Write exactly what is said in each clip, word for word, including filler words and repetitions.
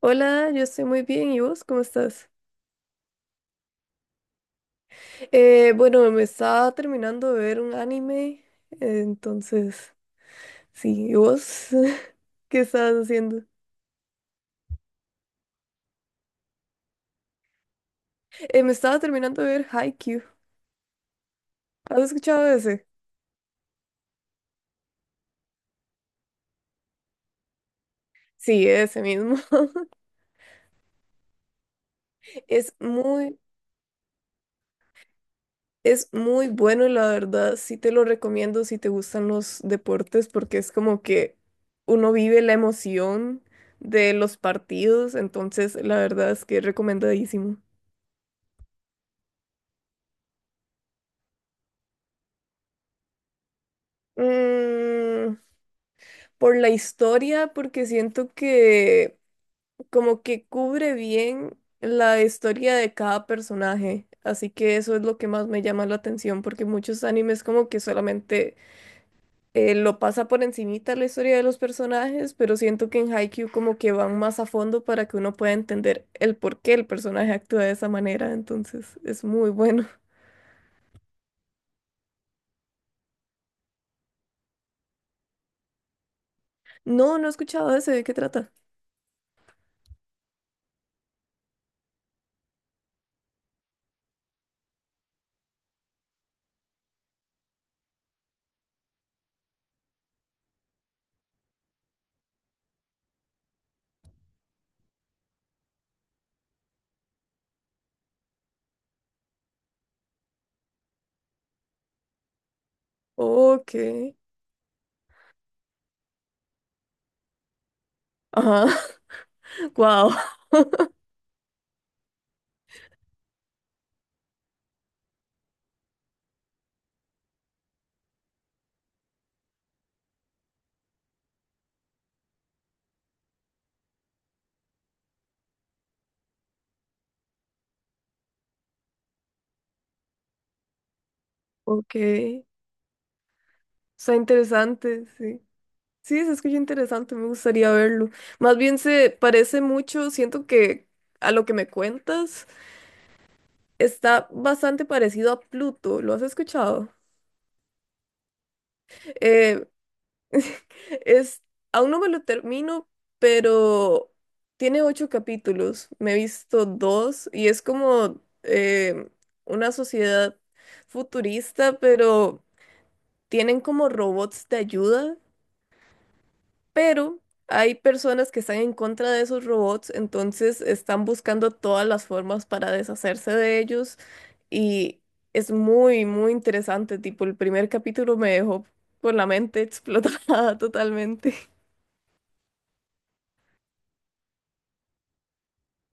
Hola, yo estoy muy bien. ¿Y vos cómo estás? Eh, bueno, Me estaba terminando de ver un anime, entonces, sí, ¿y vos qué estabas haciendo? Eh, me estaba terminando de ver Haikyuu. ¿Has escuchado de ese? Sí, ese mismo. Es muy, es muy bueno, la verdad. Sí te lo recomiendo si te gustan los deportes, porque es como que uno vive la emoción de los partidos, entonces la verdad es que es recomendadísimo. Mm, por la historia, porque siento que como que cubre bien la historia de cada personaje. Así que eso es lo que más me llama la atención, porque muchos animes como que solamente eh, lo pasa por encimita la historia de los personajes, pero siento que en Haikyuu como que van más a fondo para que uno pueda entender el por qué el personaje actúa de esa manera, entonces es muy bueno. No, no he escuchado ese, ¿de qué trata? Ok. Ajá. Wow. Ok. Está interesante, sí. Sí, se escucha interesante, me gustaría verlo. Más bien se parece mucho, siento que a lo que me cuentas está bastante parecido a Pluto, ¿lo has escuchado? Eh, es, aún no me lo termino, pero tiene ocho capítulos, me he visto dos y es como eh, una sociedad futurista, pero tienen como robots de ayuda pero hay personas que están en contra de esos robots, entonces están buscando todas las formas para deshacerse de ellos y es muy, muy interesante, tipo el primer capítulo me dejó con la mente explotada totalmente.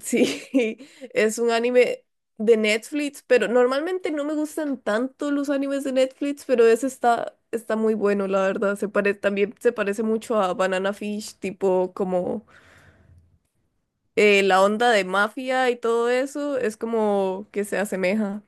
Sí, es un anime de Netflix, pero normalmente no me gustan tanto los animes de Netflix, pero ese está, está muy bueno, la verdad. Se pare- también se parece mucho a Banana Fish, tipo como eh, la onda de mafia y todo eso es como que se asemeja.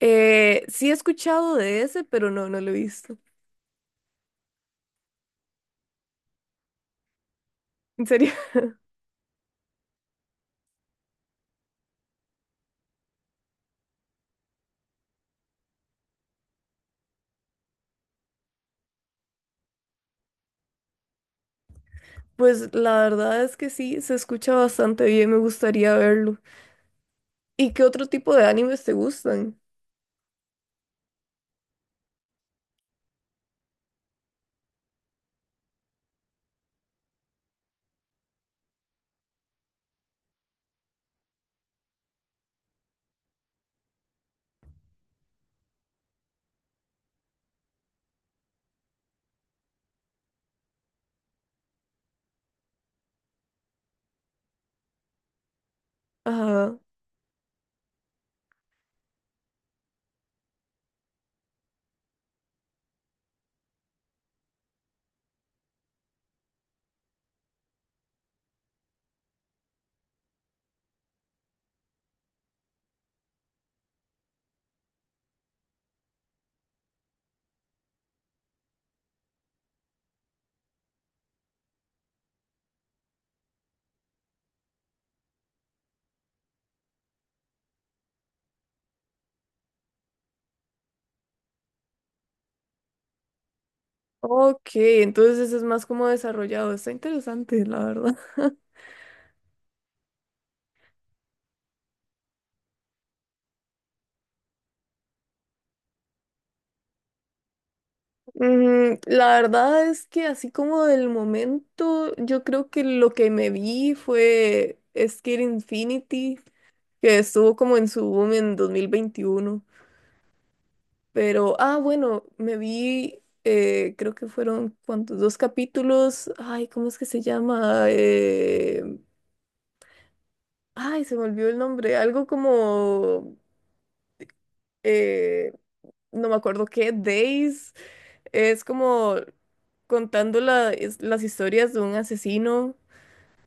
Eh, sí he escuchado de ese, pero no, no lo he visto. ¿En serio? Pues la verdad es que sí, se escucha bastante bien, me gustaría verlo. ¿Y qué otro tipo de animes te gustan? Ajá. Ok, entonces es más como desarrollado. Está interesante, la verdad. Mm, la verdad es que así como del momento, yo creo que lo que me vi fue Skate Infinity, que estuvo como en su boom en dos mil veintiuno. Pero, ah, bueno, me vi, eh, creo que fueron, ¿cuántos? Dos capítulos. Ay, ¿cómo es que se llama? Eh, ay, se me olvidó el nombre. Algo como, eh, no me acuerdo qué, Days. Es como contando la- es- las historias de un asesino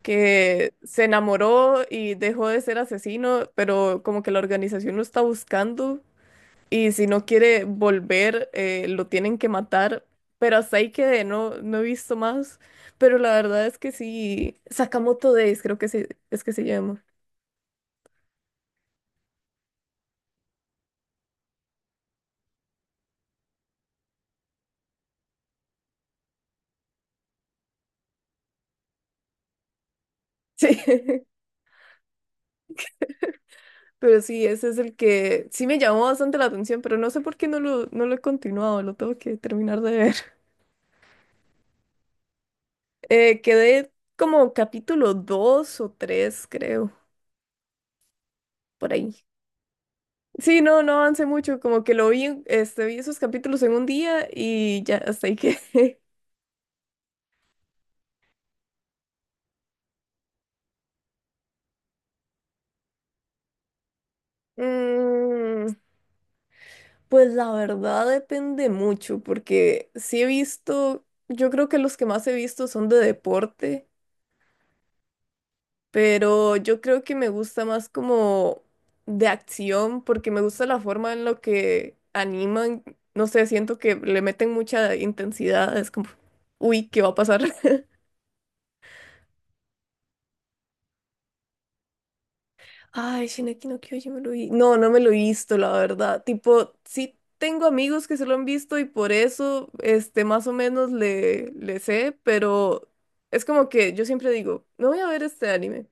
que se enamoró y dejó de ser asesino, pero como que la organización lo está buscando. Y si no quiere volver, eh, lo tienen que matar. Pero hasta ahí quedé, no, no he visto más. Pero la verdad es que sí, Sakamoto Days creo que se, es que se llama. Sí, pero sí, ese es el que sí me llamó bastante la atención, pero no sé por qué no lo, no lo he continuado, lo tengo que terminar de ver. Eh, quedé como capítulo dos o tres creo, por ahí. Sí, no, no avancé mucho, como que lo vi, en- este, vi esos capítulos en un día y ya hasta ahí quedé. Mm, pues la verdad depende mucho, porque sí he visto, yo creo que los que más he visto son de deporte, pero yo creo que me gusta más como de acción, porque me gusta la forma en la que animan, no sé, siento que le meten mucha intensidad, es como, uy, ¿qué va a pasar? Ay, Shingeki no Kyojin me lo vi. No, no me lo he visto, la verdad. Tipo, sí tengo amigos que se lo han visto y por eso, este, más o menos le, le sé, pero es como que yo siempre digo, no voy a ver este anime.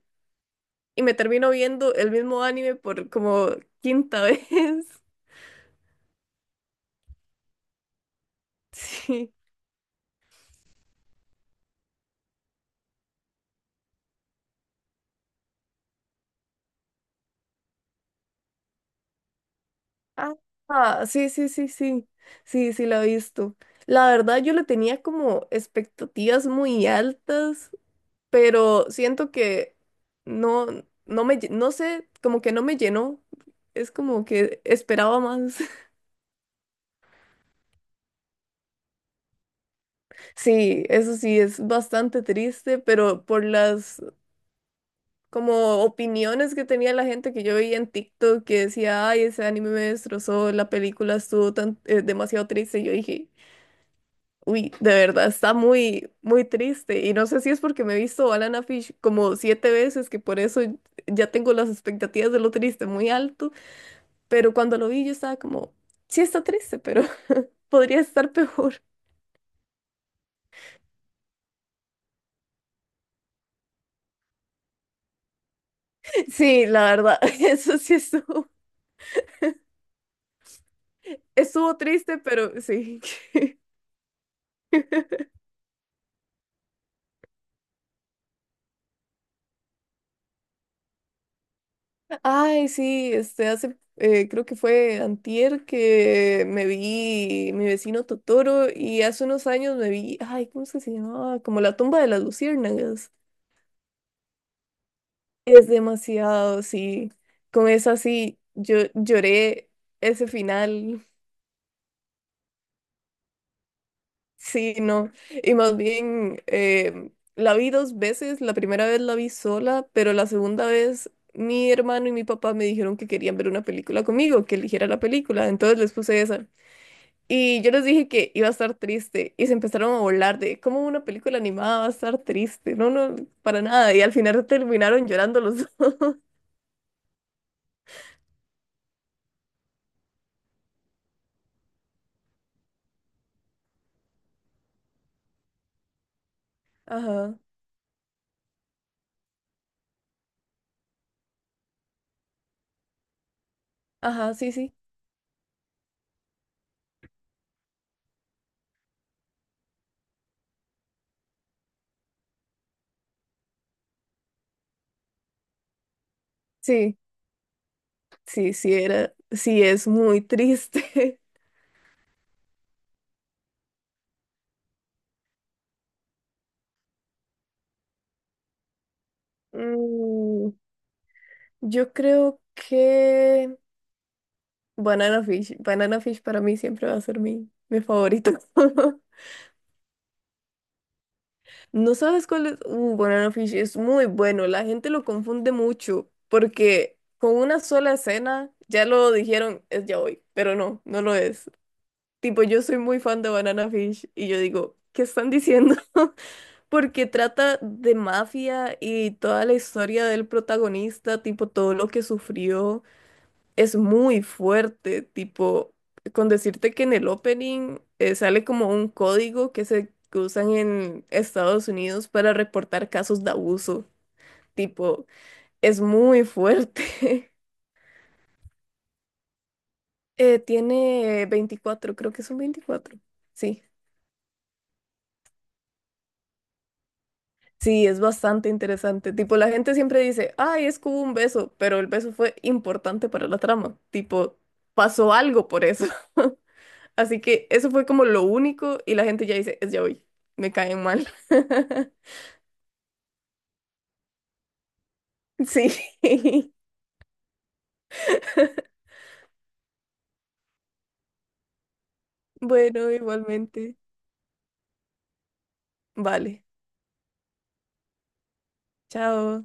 Y me termino viendo el mismo anime por como quinta vez. Sí. Ah, ah, sí, sí, sí, sí. Sí, sí, la he visto. La verdad, yo le tenía como expectativas muy altas pero siento que no, no me, lle- no sé, como que no me llenó. Es como que esperaba más. Sí, eso sí, es bastante triste, pero por las como opiniones que tenía la gente que yo veía en TikTok que decía, ay, ese anime me destrozó, la película estuvo tan, eh, demasiado triste, yo dije, uy, de verdad, está muy, muy triste. Y no sé si es porque me he visto Banana Fish como siete veces, que por eso ya tengo las expectativas de lo triste muy alto. Pero cuando lo vi yo estaba como, sí está triste, pero podría estar peor. Sí, la verdad, eso sí estuvo, estuvo triste, pero sí. Ay, sí, este hace, eh, creo que fue antier que me vi Mi Vecino Totoro y hace unos años me vi, ay, ¿cómo es que se llamaba? Como La Tumba de las Luciérnagas. Es demasiado, sí. Con esa sí, yo lloré ese final. Sí, no. Y más bien, em, la vi dos veces. La primera vez la vi sola, pero la segunda vez mi hermano y mi papá me dijeron que querían ver una película conmigo, que eligiera la película. Entonces les puse esa. Y yo les dije que iba a estar triste y se empezaron a burlar de cómo una película animada va a estar triste. No, no, para nada. Y al final terminaron llorando los dos. Ajá, ajá, sí, sí. Sí, sí, sí, era, sí, es muy triste. Mm, yo creo que... Banana Fish. Banana Fish para mí siempre va a ser mi, mi favorito. ¿No sabes cuál es? Uh, Banana Fish es muy bueno. La gente lo confunde mucho porque con una sola escena ya lo dijeron, es ya hoy, pero no, no lo es. Tipo, yo soy muy fan de Banana Fish y yo digo, ¿qué están diciendo? Porque trata de mafia y toda la historia del protagonista, tipo todo lo que sufrió. Es muy fuerte, tipo, con decirte que en el opening eh, sale como un código que se que usan en Estados Unidos para reportar casos de abuso, tipo, es muy fuerte. Eh, tiene veinticuatro, creo que son veinticuatro. Sí, sí, es bastante interesante. Tipo, la gente siempre dice, ay, es que hubo un beso, pero el beso fue importante para la trama, tipo, pasó algo por eso. Así que eso fue como lo único y la gente ya dice, es ya hoy, me caen mal. Sí. Bueno, igualmente. Vale, chao.